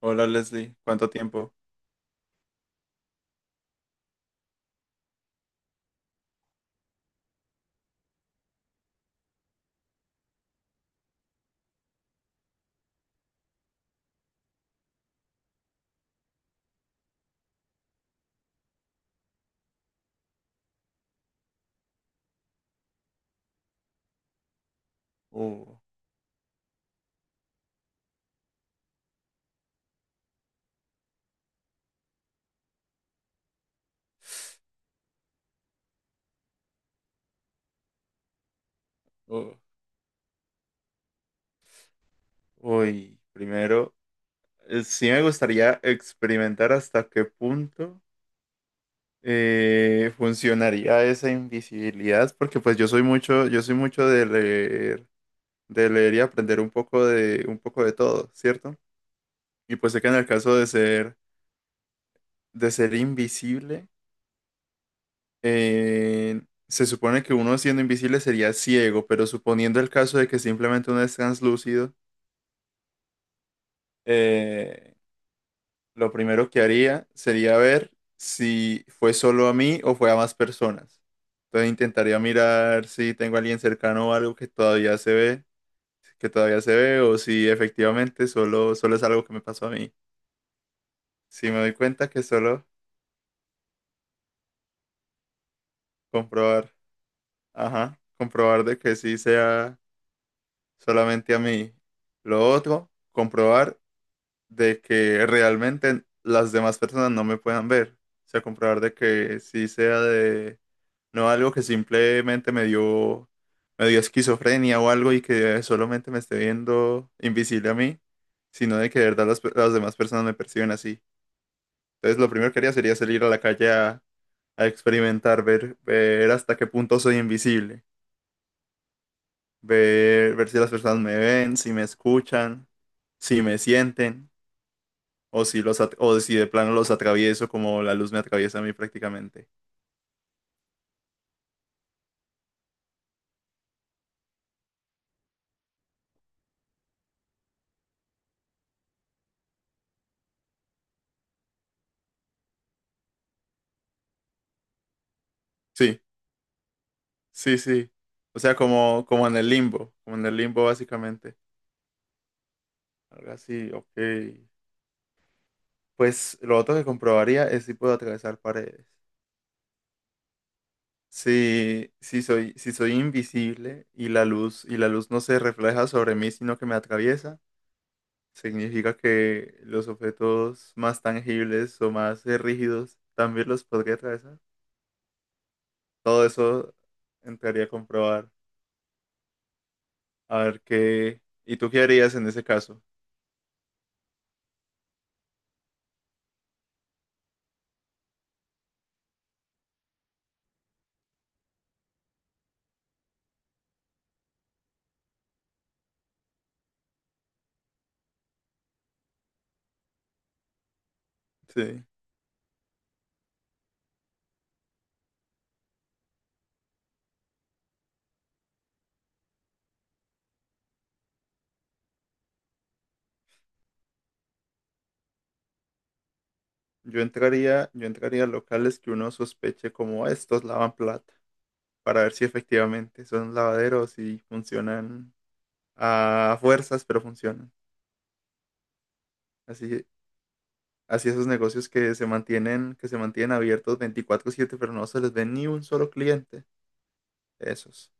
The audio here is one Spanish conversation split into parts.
Hola Leslie, ¿cuánto tiempo? Uh, uh, primero, sí me gustaría experimentar hasta qué punto funcionaría esa invisibilidad, porque pues yo soy mucho de leer y aprender un poco de todo, ¿cierto? Y pues sé que en el caso de ser invisible, eh, se supone que uno siendo invisible sería ciego, pero suponiendo el caso de que simplemente uno es translúcido, eh, lo primero que haría sería ver si fue solo a mí o fue a más personas. Entonces intentaría mirar si tengo a alguien cercano o algo que todavía se ve, o si efectivamente solo es algo que me pasó a mí. Si me doy cuenta que solo comprobar, ajá, comprobar de que sí sea solamente a mí. Lo otro, comprobar de que realmente las demás personas no me puedan ver. O sea, comprobar de que sí sea de, no algo que simplemente me dio esquizofrenia o algo y que solamente me esté viendo invisible a mí, sino de que de verdad las demás personas me perciben así. Entonces, lo primero que haría sería salir a la calle a experimentar, ver hasta qué punto soy invisible, ver si las personas me ven, si me escuchan, si me sienten. O si de plano los atravieso como la luz me atraviesa a mí prácticamente. Sí, sí, sí. O sea, como en el limbo, como en el limbo básicamente. Algo así, ok. Pues lo otro que comprobaría es si puedo atravesar paredes. Si soy invisible y y la luz no se refleja sobre mí, sino que me atraviesa, significa que los objetos más tangibles o más rígidos también los podría atravesar. Todo eso entraría a comprobar. A ver qué. ¿Y tú qué harías en ese caso? Sí. Yo entraría a locales que uno sospeche como "Ah, estos lavan plata para ver si efectivamente son lavaderos y funcionan a fuerzas, pero funcionan. Así, así esos negocios que se mantienen abiertos 24/7 pero no se les ve ni un solo cliente. Esos.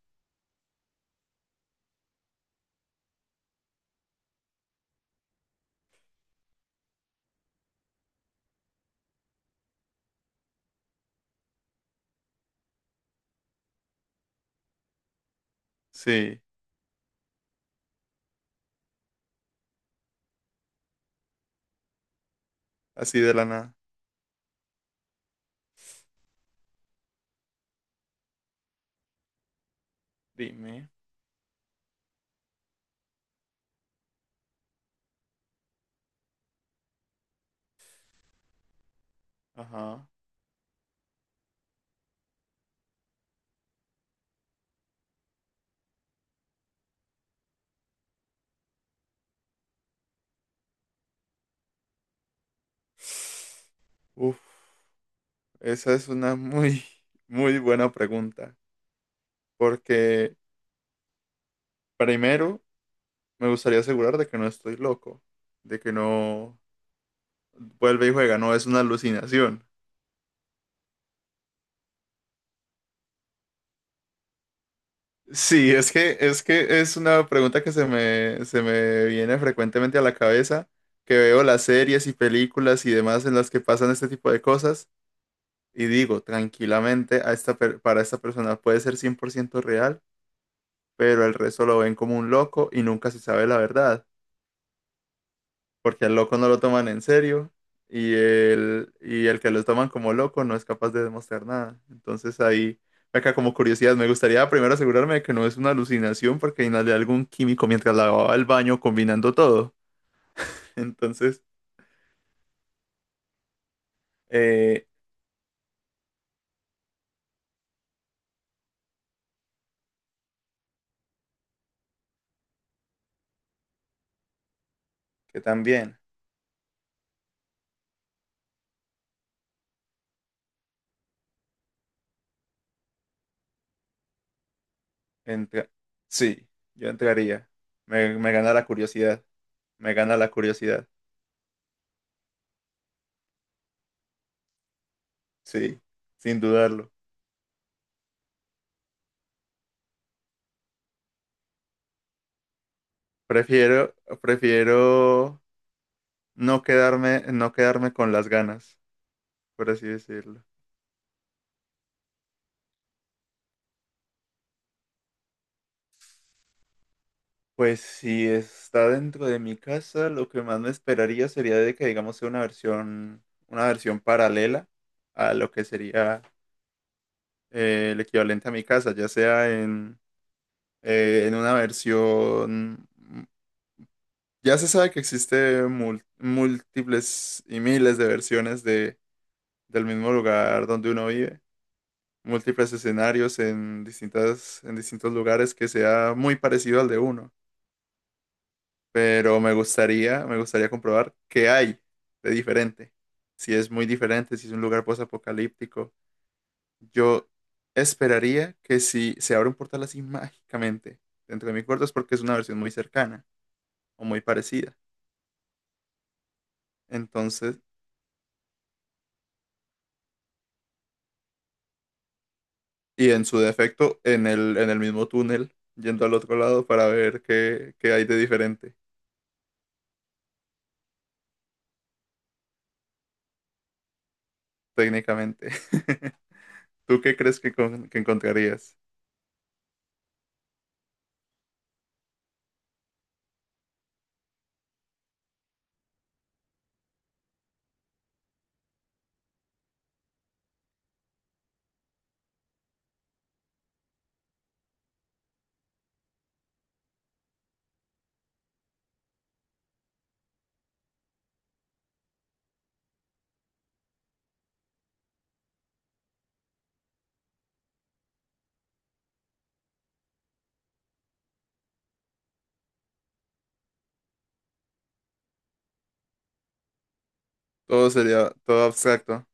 Sí, así de la nada. Dime. Ajá. Uf, esa es una muy buena pregunta, porque primero me gustaría asegurar de que no estoy loco, de que no vuelve y juega, no es una alucinación. Sí, es una pregunta que se me viene frecuentemente a la cabeza, que veo las series y películas y demás en las que pasan este tipo de cosas y digo, tranquilamente, a para esta persona puede ser 100% real, pero el resto lo ven como un loco y nunca se sabe la verdad, porque al loco no lo toman en serio y y el que lo toman como loco no es capaz de demostrar nada. Entonces ahí, acá como curiosidad, me gustaría primero asegurarme de que no es una alucinación porque inhalé algún químico mientras lavaba el baño combinando todo. Entonces, eh, que también, entra- sí, yo entraría. Me gana la curiosidad, me gana la curiosidad, sí, sin dudarlo. Prefiero, prefiero no quedarme, no quedarme con las ganas, por así decirlo. Pues si está dentro de mi casa, lo que más me esperaría sería de que, digamos, sea una versión paralela a lo que sería el equivalente a mi casa, ya sea en una versión... Ya se sabe que existe múltiples y miles de versiones del mismo lugar donde uno vive, múltiples escenarios en en distintos lugares que sea muy parecido al de uno, pero me gustaría comprobar qué hay de diferente. Si es muy diferente, si es un lugar posapocalíptico. Yo esperaría que si se abre un portal así mágicamente dentro de mi cuarto es porque es una versión muy cercana o muy parecida. Entonces, y en su defecto, en el mismo túnel, yendo al otro lado para ver qué hay de diferente técnicamente. ¿Tú qué crees que encontrarías? Todo abstracto.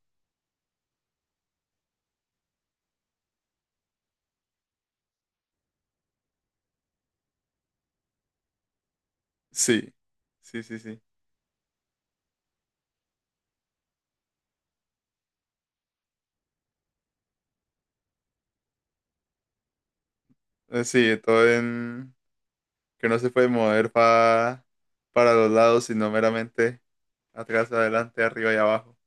Sí, sí, sí, sí. Sí, todo en que no se puede mover para los lados, sino meramente atrás, adelante, arriba y abajo.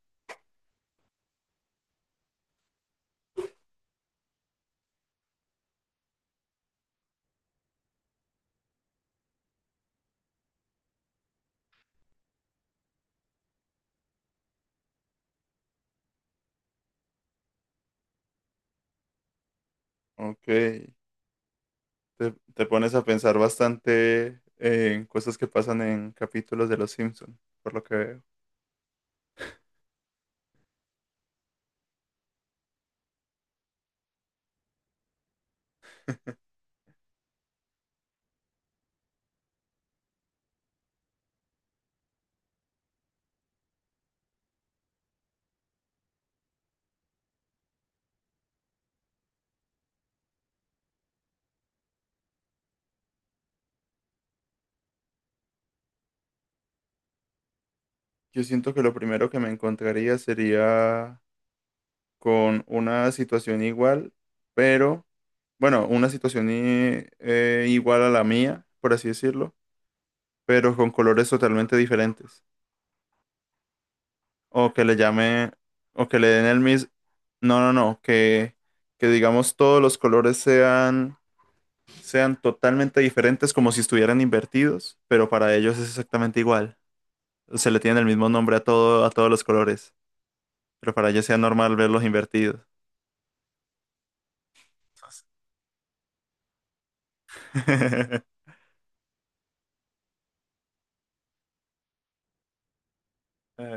Ok, te pones a pensar bastante en cosas que pasan en capítulos de Los Simpson, por lo que veo. Yo siento que lo primero que me encontraría sería con una situación igual, pero, bueno, una igual a la mía, por así decirlo, pero con colores totalmente diferentes. O que le llame, o que le den el mismo. No, no, no, que digamos todos los colores sean totalmente diferentes, como si estuvieran invertidos, pero para ellos es exactamente igual. Se le tiene el mismo nombre a todo, a todos los colores, pero para ellos sea normal verlos invertidos. Eh,